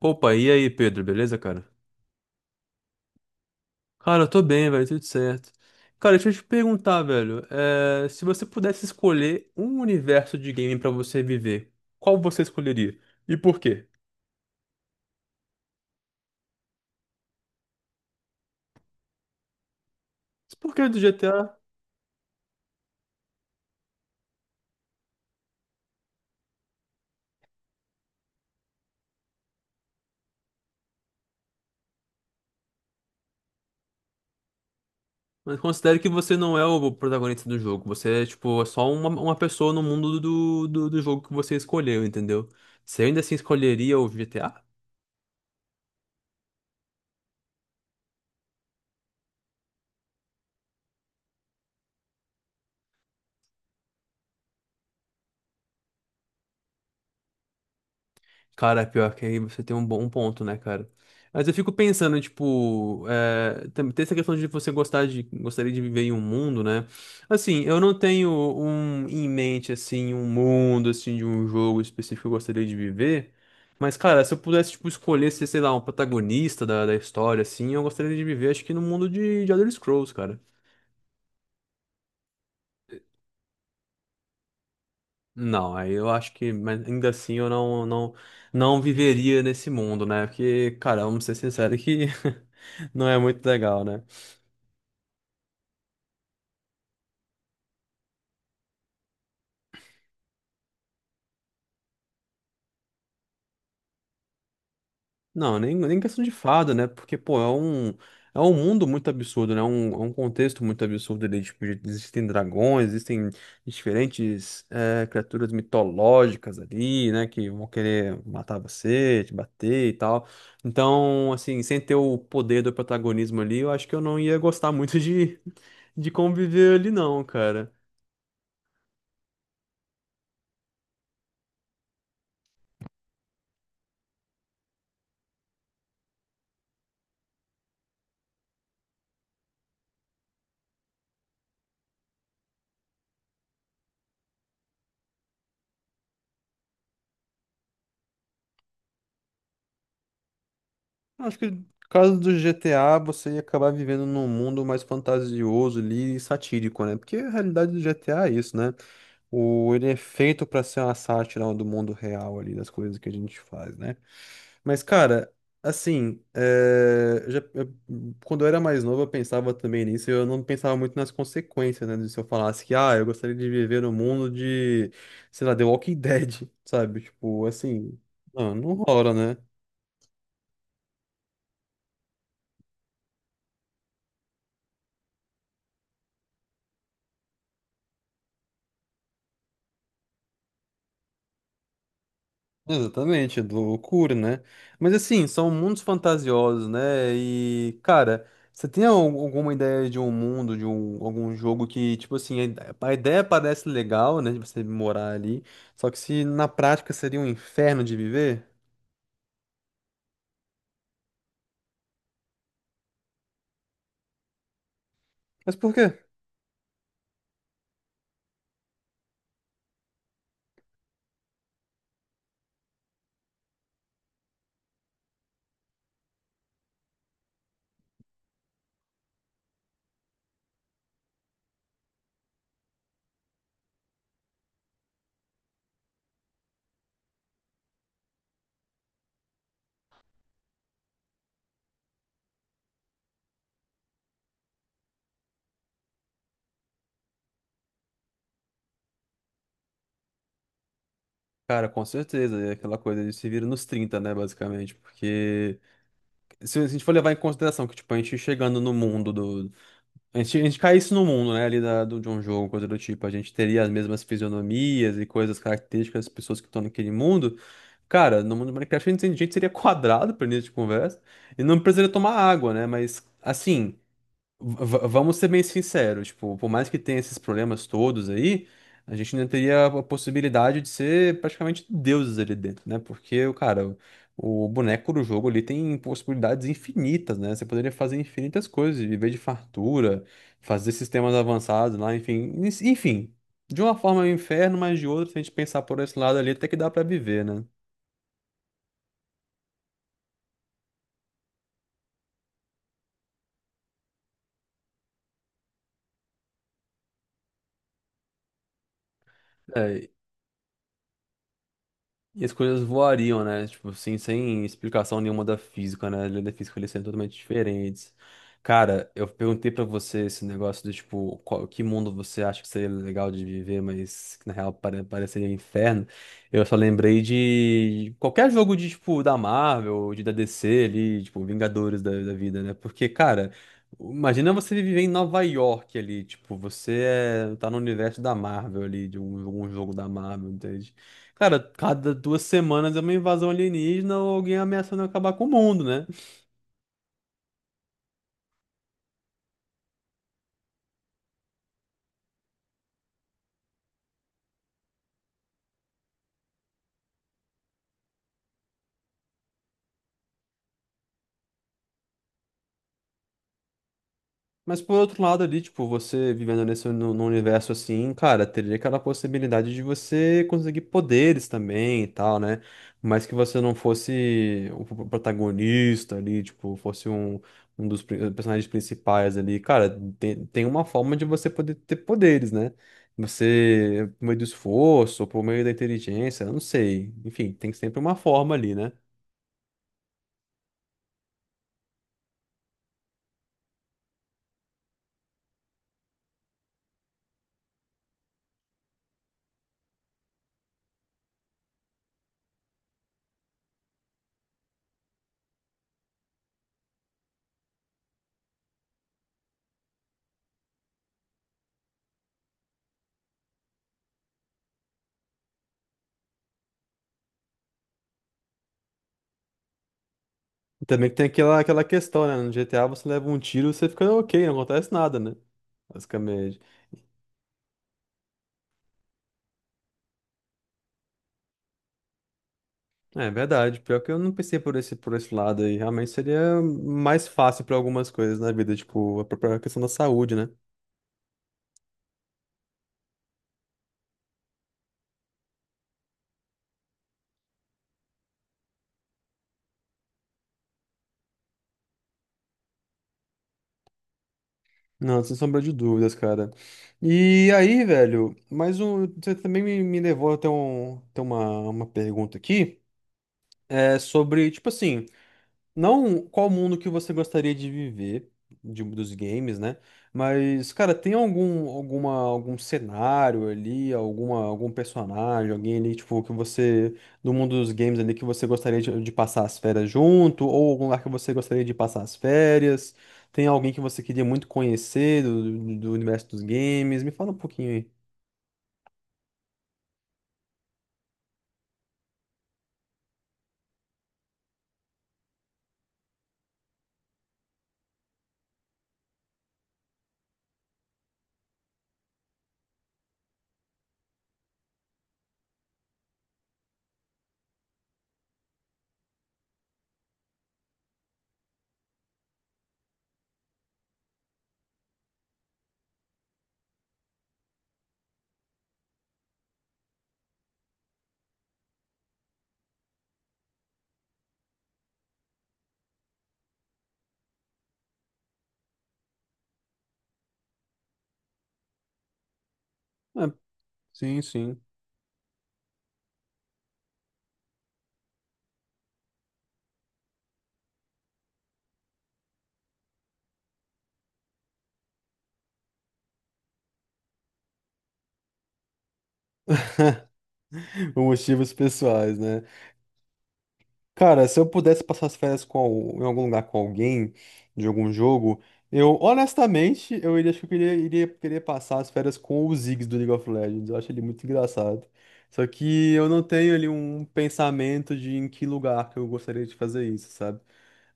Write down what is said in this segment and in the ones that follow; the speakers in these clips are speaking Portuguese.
Opa, e aí, Pedro, beleza, cara? Cara, eu tô bem, velho, tudo certo. Cara, deixa eu te perguntar, velho, se você pudesse escolher um universo de game pra você viver, qual você escolheria? E por quê? Porque do GTA, mas considere que você não é o protagonista do jogo, você é, tipo, é só uma pessoa no mundo do jogo que você escolheu, entendeu? Você ainda assim escolheria o GTA? Cara, pior que aí você tem um bom ponto, né, cara? Mas eu fico pensando, tipo, tem essa questão de você gostaria de viver em um mundo, né? Assim, eu não tenho um em mente, assim, um mundo, assim, de um jogo específico que eu gostaria de viver. Mas, cara, se eu pudesse, tipo, escolher ser, sei lá, um protagonista da história, assim, eu gostaria de viver, acho que no mundo de Elder Scrolls, cara. Não, aí eu acho que, mas ainda assim eu não viveria nesse mundo, né? Porque, cara, vamos ser sinceros que não é muito legal, né? Não, nem questão de fada, né? Porque, pô, é um mundo muito absurdo, né? É um contexto muito absurdo ali. Tipo, existem dragões, existem diferentes criaturas mitológicas ali, né? Que vão querer matar você, te bater e tal. Então, assim, sem ter o poder do protagonismo ali, eu acho que eu não ia gostar muito de conviver ali, não, cara. Acho que no caso do GTA, você ia acabar vivendo num mundo mais fantasioso ali e satírico, né? Porque a realidade do GTA é isso, né? Ele é feito pra ser uma sátira do mundo real ali, das coisas que a gente faz, né? Mas, cara, assim, quando eu era mais novo, eu pensava também nisso, e eu não pensava muito nas consequências, né? de Se eu falasse que, ah, eu gostaria de viver no mundo de, sei lá, The Walking Dead, sabe? Tipo, assim, não, não rola, né? Exatamente, do loucura, né? Mas assim, são mundos fantasiosos, né? E, cara, você tem alguma ideia de um mundo, algum jogo que, tipo assim, a ideia parece legal, né? De você morar ali, só que se na prática seria um inferno de viver? Mas por quê? Cara, com certeza, é aquela coisa de se vira nos trinta, né, basicamente, porque se a gente for levar em consideração que, tipo, a gente chegando no mundo do. A gente cai isso no mundo, né? Ali de um jogo, coisa do tipo. A gente teria as mesmas fisionomias e coisas características das pessoas que estão naquele mundo. Cara, no mundo do Minecraft a gente seria quadrado para início de conversa. E não precisaria tomar água, né? Mas, assim, vamos ser bem sinceros, tipo, por mais que tenha esses problemas todos aí, a gente ainda teria a possibilidade de ser praticamente deuses ali dentro, né? Porque, o cara, o boneco do jogo ali tem possibilidades infinitas, né? Você poderia fazer infinitas coisas, viver de fartura, fazer sistemas avançados lá, enfim. Enfim, de uma forma é um inferno, mas de outra, se a gente pensar por esse lado ali, até que dá pra viver, né? E as coisas voariam, né? Tipo, assim, sem explicação nenhuma da física, né? A lei da física, eles são totalmente diferentes. Cara, eu perguntei pra você esse negócio do tipo, qual, que mundo você acha que seria legal de viver, mas que na real pareceria um inferno. Eu só lembrei de qualquer jogo de, tipo, da Marvel, de da DC ali, tipo, Vingadores da vida, né? Porque, cara, imagina você viver em Nova York ali, tipo, você tá no universo da Marvel ali, de um jogo da Marvel, entende? Cara, cada 2 semanas é uma invasão alienígena ou alguém ameaçando acabar com o mundo, né? Mas por outro lado ali, tipo, você vivendo nesse no num universo assim, cara, teria aquela possibilidade de você conseguir poderes também e tal, né? Mas que você não fosse o protagonista ali, tipo, fosse um dos personagens principais ali. Cara, tem uma forma de você poder ter poderes, né? Você, por meio do esforço, por meio da inteligência, eu não sei. Enfim, tem sempre uma forma ali, né? E também que tem aquela questão, né? No GTA você leva um tiro, você fica ok, não acontece nada, né? Basicamente. É verdade. Pior que eu não pensei por esse lado aí. Realmente seria mais fácil para algumas coisas na vida, tipo a própria questão da saúde, né? Não, sem sombra de dúvidas, cara. E aí, velho, mais um. Você também me levou até ter uma pergunta aqui. É sobre, tipo assim. Não, qual mundo que você gostaria de viver dos games, né? Mas, cara, tem algum cenário ali, algum personagem, alguém ali, tipo, que você, do mundo dos games ali, que você gostaria de passar as férias junto, ou algum lugar que você gostaria de passar as férias? Tem alguém que você queria muito conhecer do universo dos games? Me fala um pouquinho aí. Ah, sim, sim. Por motivos pessoais, né? Cara, se eu pudesse passar as férias em algum lugar com alguém, de algum jogo, eu honestamente, eu iria, acho que eu queria, iria querer passar as férias com o Ziggs do League of Legends. Eu acho ele muito engraçado. Só que eu não tenho ali um pensamento de em que lugar que eu gostaria de fazer isso, sabe?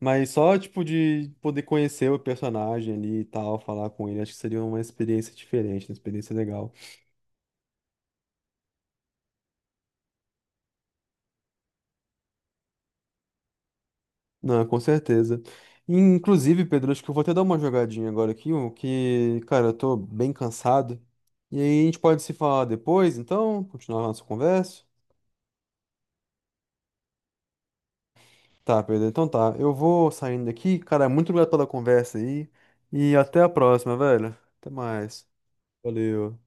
Mas só, tipo, de poder conhecer o personagem ali e tal, falar com ele, acho que seria uma experiência diferente, uma experiência legal. Não, com certeza. Inclusive, Pedro, acho que eu vou até dar uma jogadinha agora aqui, o que, cara, eu tô bem cansado. E aí a gente pode se falar depois, então, continuar a nossa conversa. Tá, Pedro, então tá. Eu vou saindo aqui. Cara, muito obrigado pela conversa aí. E até a próxima, velho. Até mais. Valeu.